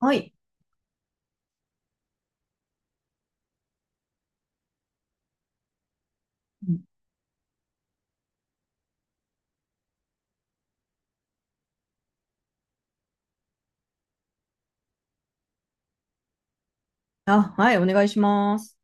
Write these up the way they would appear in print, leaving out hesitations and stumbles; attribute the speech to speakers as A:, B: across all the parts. A: はい。うん。あ、はい、お願いします。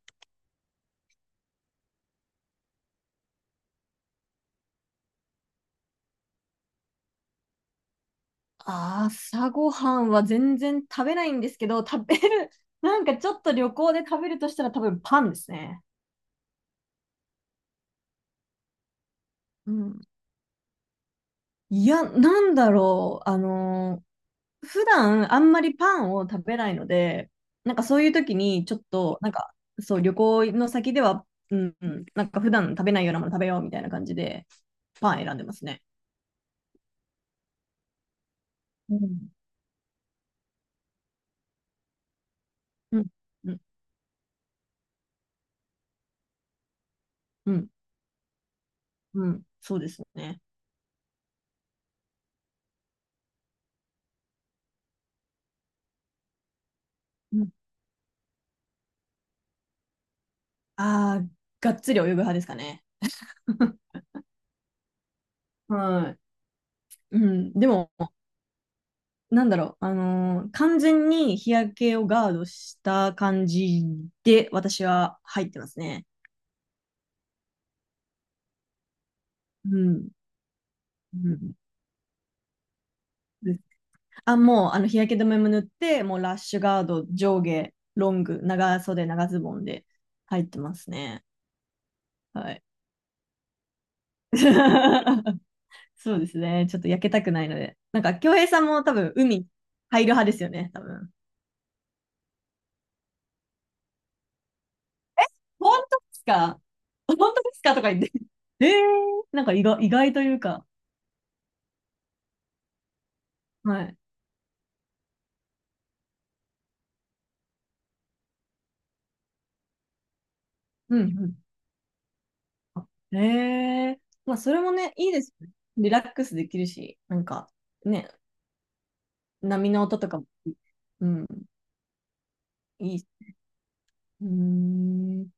A: 朝ごはんは全然食べないんですけど、食べる、なんかちょっと旅行で食べるとしたら多分パンですね。うん。いや、なんだろう。普段あんまりパンを食べないので、なんかそういう時にちょっと、なんかそう、旅行の先では、うんうん、なんか普段食べないようなもの食べようみたいな感じで、パン選んでますね。うん。うん。うん。うん。うん、そうですね。ああ、がっつり泳ぐ派ですかね。はい。うん、でも、なんだろう、完全に日焼けをガードした感じで、私は入ってますね。うん。うんうん。あ、もう、日焼け止めも塗って、もうラッシュガード、上下、ロング、長袖、長ズボンで入ってますね。はい。そうですね。ちょっと焼けたくないので。なんか、京平さんも多分、海入る派ですよね、多分。本当ですか？本当ですかとか言って。ええ。なんか意外、意外というか。はい。うんうん。ええ。まあ、それもね、いいですよね。リラックスできるし、なんか、ね、波の音とかも、うん、いいし。うーん。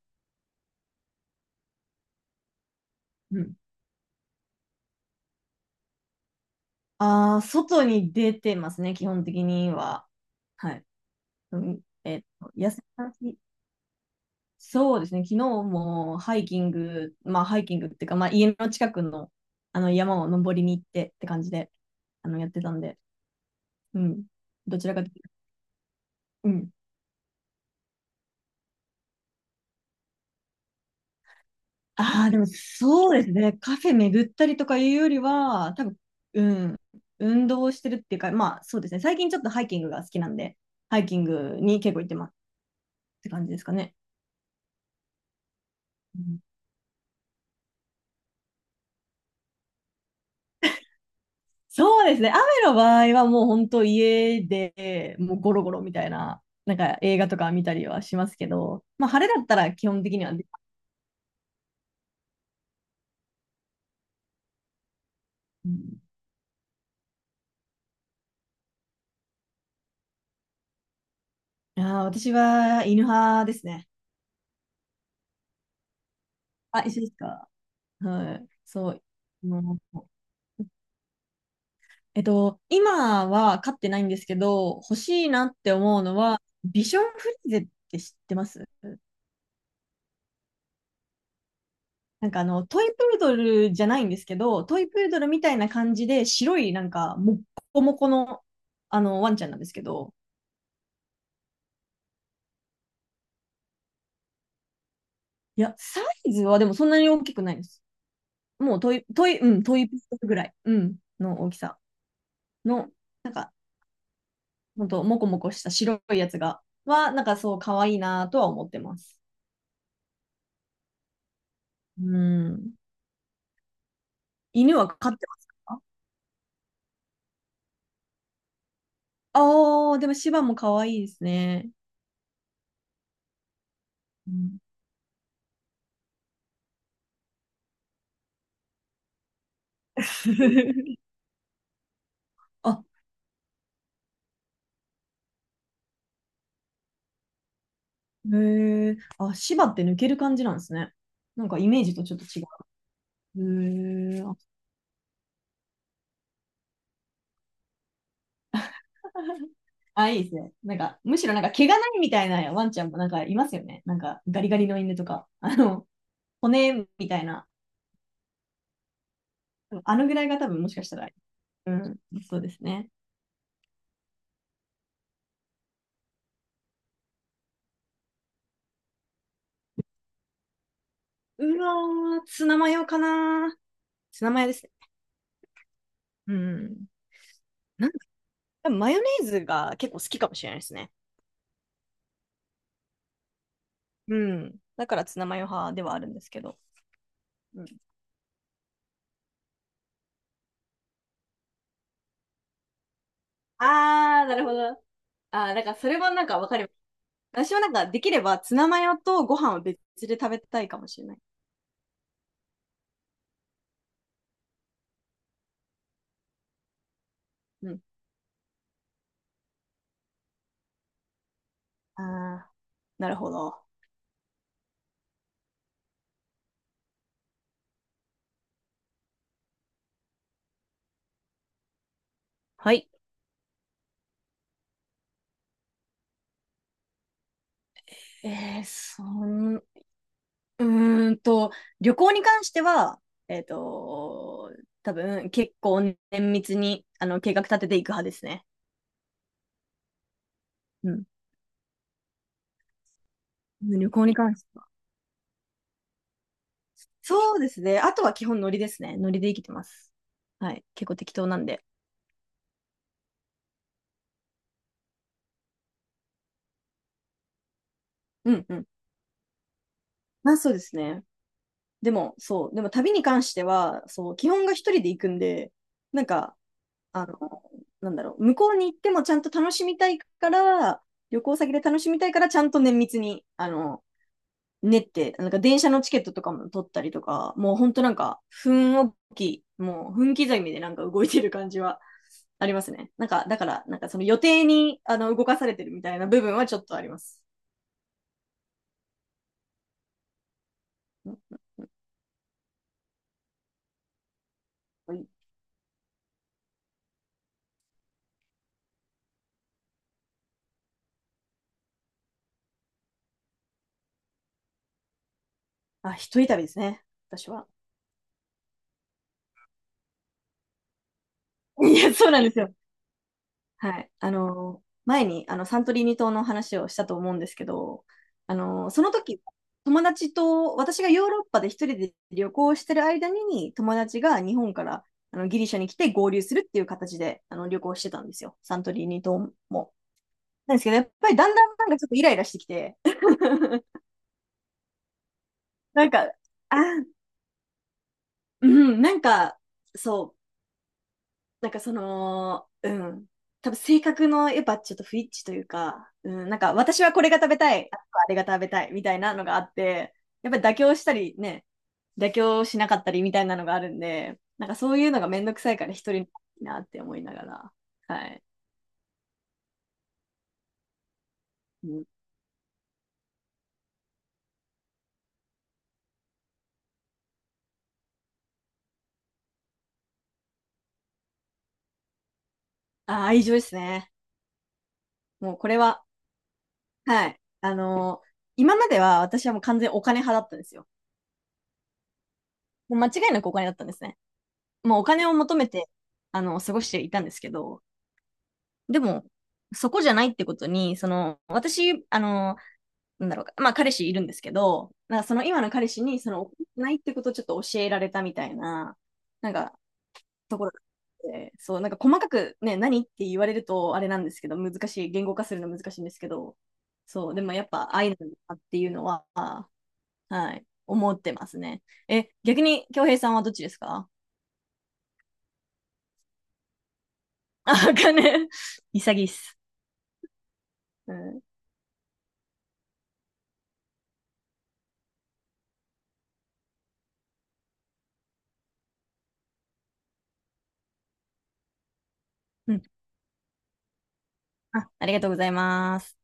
A: うん。ああ、外に出てますね、基本的には。はい。うん、そうですね、昨日もハイキング、まあハイキングっていうか、まあ家の近くの、あの山を登りに行ってって感じで、やってたんで、うん、どちらかというと、うん。ああ、でもそうですね、カフェ巡ったりとかいうよりは、多分、うん、運動してるっていうか、まあそうですね、最近ちょっとハイキングが好きなんで、ハイキングに結構行ってますって感じですかね。そうですね。雨の場合はもう本当家でもうゴロゴロみたいな、なんか映画とか見たりはしますけど、まあ晴れだったら基本的にはね。うん。あー、私は犬派ですね。あ、一緒ですか。はい。そう。もう今は飼ってないんですけど、欲しいなって思うのは、ビションフリーゼって知ってます？なんかトイプードルじゃないんですけど、トイプードルみたいな感じで、白いなんか、もっこもこの、ワンちゃんなんですけど、いや、サイズはでもそんなに大きくないです。もうトイ、トイ、うん、トイプードルぐらい、うん、の大きさの、なんか、ほんと、もこもこした白いやつが、なんかそう、可愛いなとは思ってます。うん。犬は飼ってますか？ああー、でも芝も可愛いですね。うん。 あ、へえ、あ、芝って抜ける感じなんですね。なんかイメージとちょっと違う。へえ、あ、いいですね。なんか、むしろなんか毛がないみたいなワンちゃんもなんかいますよね。なんかガリガリの犬とか、骨みたいな。あのぐらいが多分もしかしたら、うん、そうですね。うわー、ツナマヨかな。ツナマヨですね。うん。なんか多分マヨネーズが結構好きかもしれないですね。うん。だからツナマヨ派ではあるんですけど。うん、あー、なるほど。あー、だからそれもなんかわかります。私はなんかできればツナマヨとご飯を別で食べたいかもしれない。うん。ああ、なるほど。はい。えー、そん、うーんと、旅行に関しては、えっと、多分結構綿密にあの計画立てていく派ですね。うん。旅行に関しては。そうですね。あとは基本ノリですね。ノリで生きてます。はい。結構適当なんで。うんうん。まあそうですね。でも、そう。でも旅に関しては、そう、基本が一人で行くんで、なんか、あの、なんだろう、向こうに行ってもちゃんと楽しみたいから、旅行先で楽しみたいから、ちゃんと綿密に、練って、なんか電車のチケットとかも取ったりとか、もうほんとなんか、分をき、もう分刻みでなんか動いてる感じはありますね。なんか、だから、なんかその予定に、動かされてるみたいな部分はちょっとあります。あ、一人旅ですね、私は。いや、そうなんですよ。はい。前にあのサントリーニ島の話をしたと思うんですけど、その時、友達と、私がヨーロッパで一人で旅行してる間に、友達が日本からギリシャに来て合流するっていう形で旅行してたんですよ。サントリーニ島も。なんですけど、やっぱりだんだんなんかちょっとイライラしてきて、なんか、あ、うん、なんか、そう、なんかその、うん。多分性格のやっぱちょっと不一致というか、うん、なんか私はこれが食べたい、ああれが食べたいみたいなのがあって、やっぱり妥協したりね、妥協しなかったりみたいなのがあるんで、なんかそういうのがめんどくさいから一人になって思いながら、はい。うん、あ、愛情ですね。もうこれは、はい。今までは私はもう完全にお金派だったんですよ。もう間違いなくお金だったんですね。もうお金を求めて、過ごしていたんですけど、でも、そこじゃないってことに、私、なんだろうか、まあ彼氏いるんですけど、なんかその今の彼氏に、怒ってないってことをちょっと教えられたみたいな、なんか、ところがあってそう、なんか細かくね、何って言われると、あれなんですけど、難しい、言語化するの難しいんですけど、そう、でもやっぱ愛なんだっていうのは、はい、思ってますね。え、逆に、京平さんはどっちですか？ あ、わかんねえ。潔いっす。うん。うん。あ、ありがとうございます。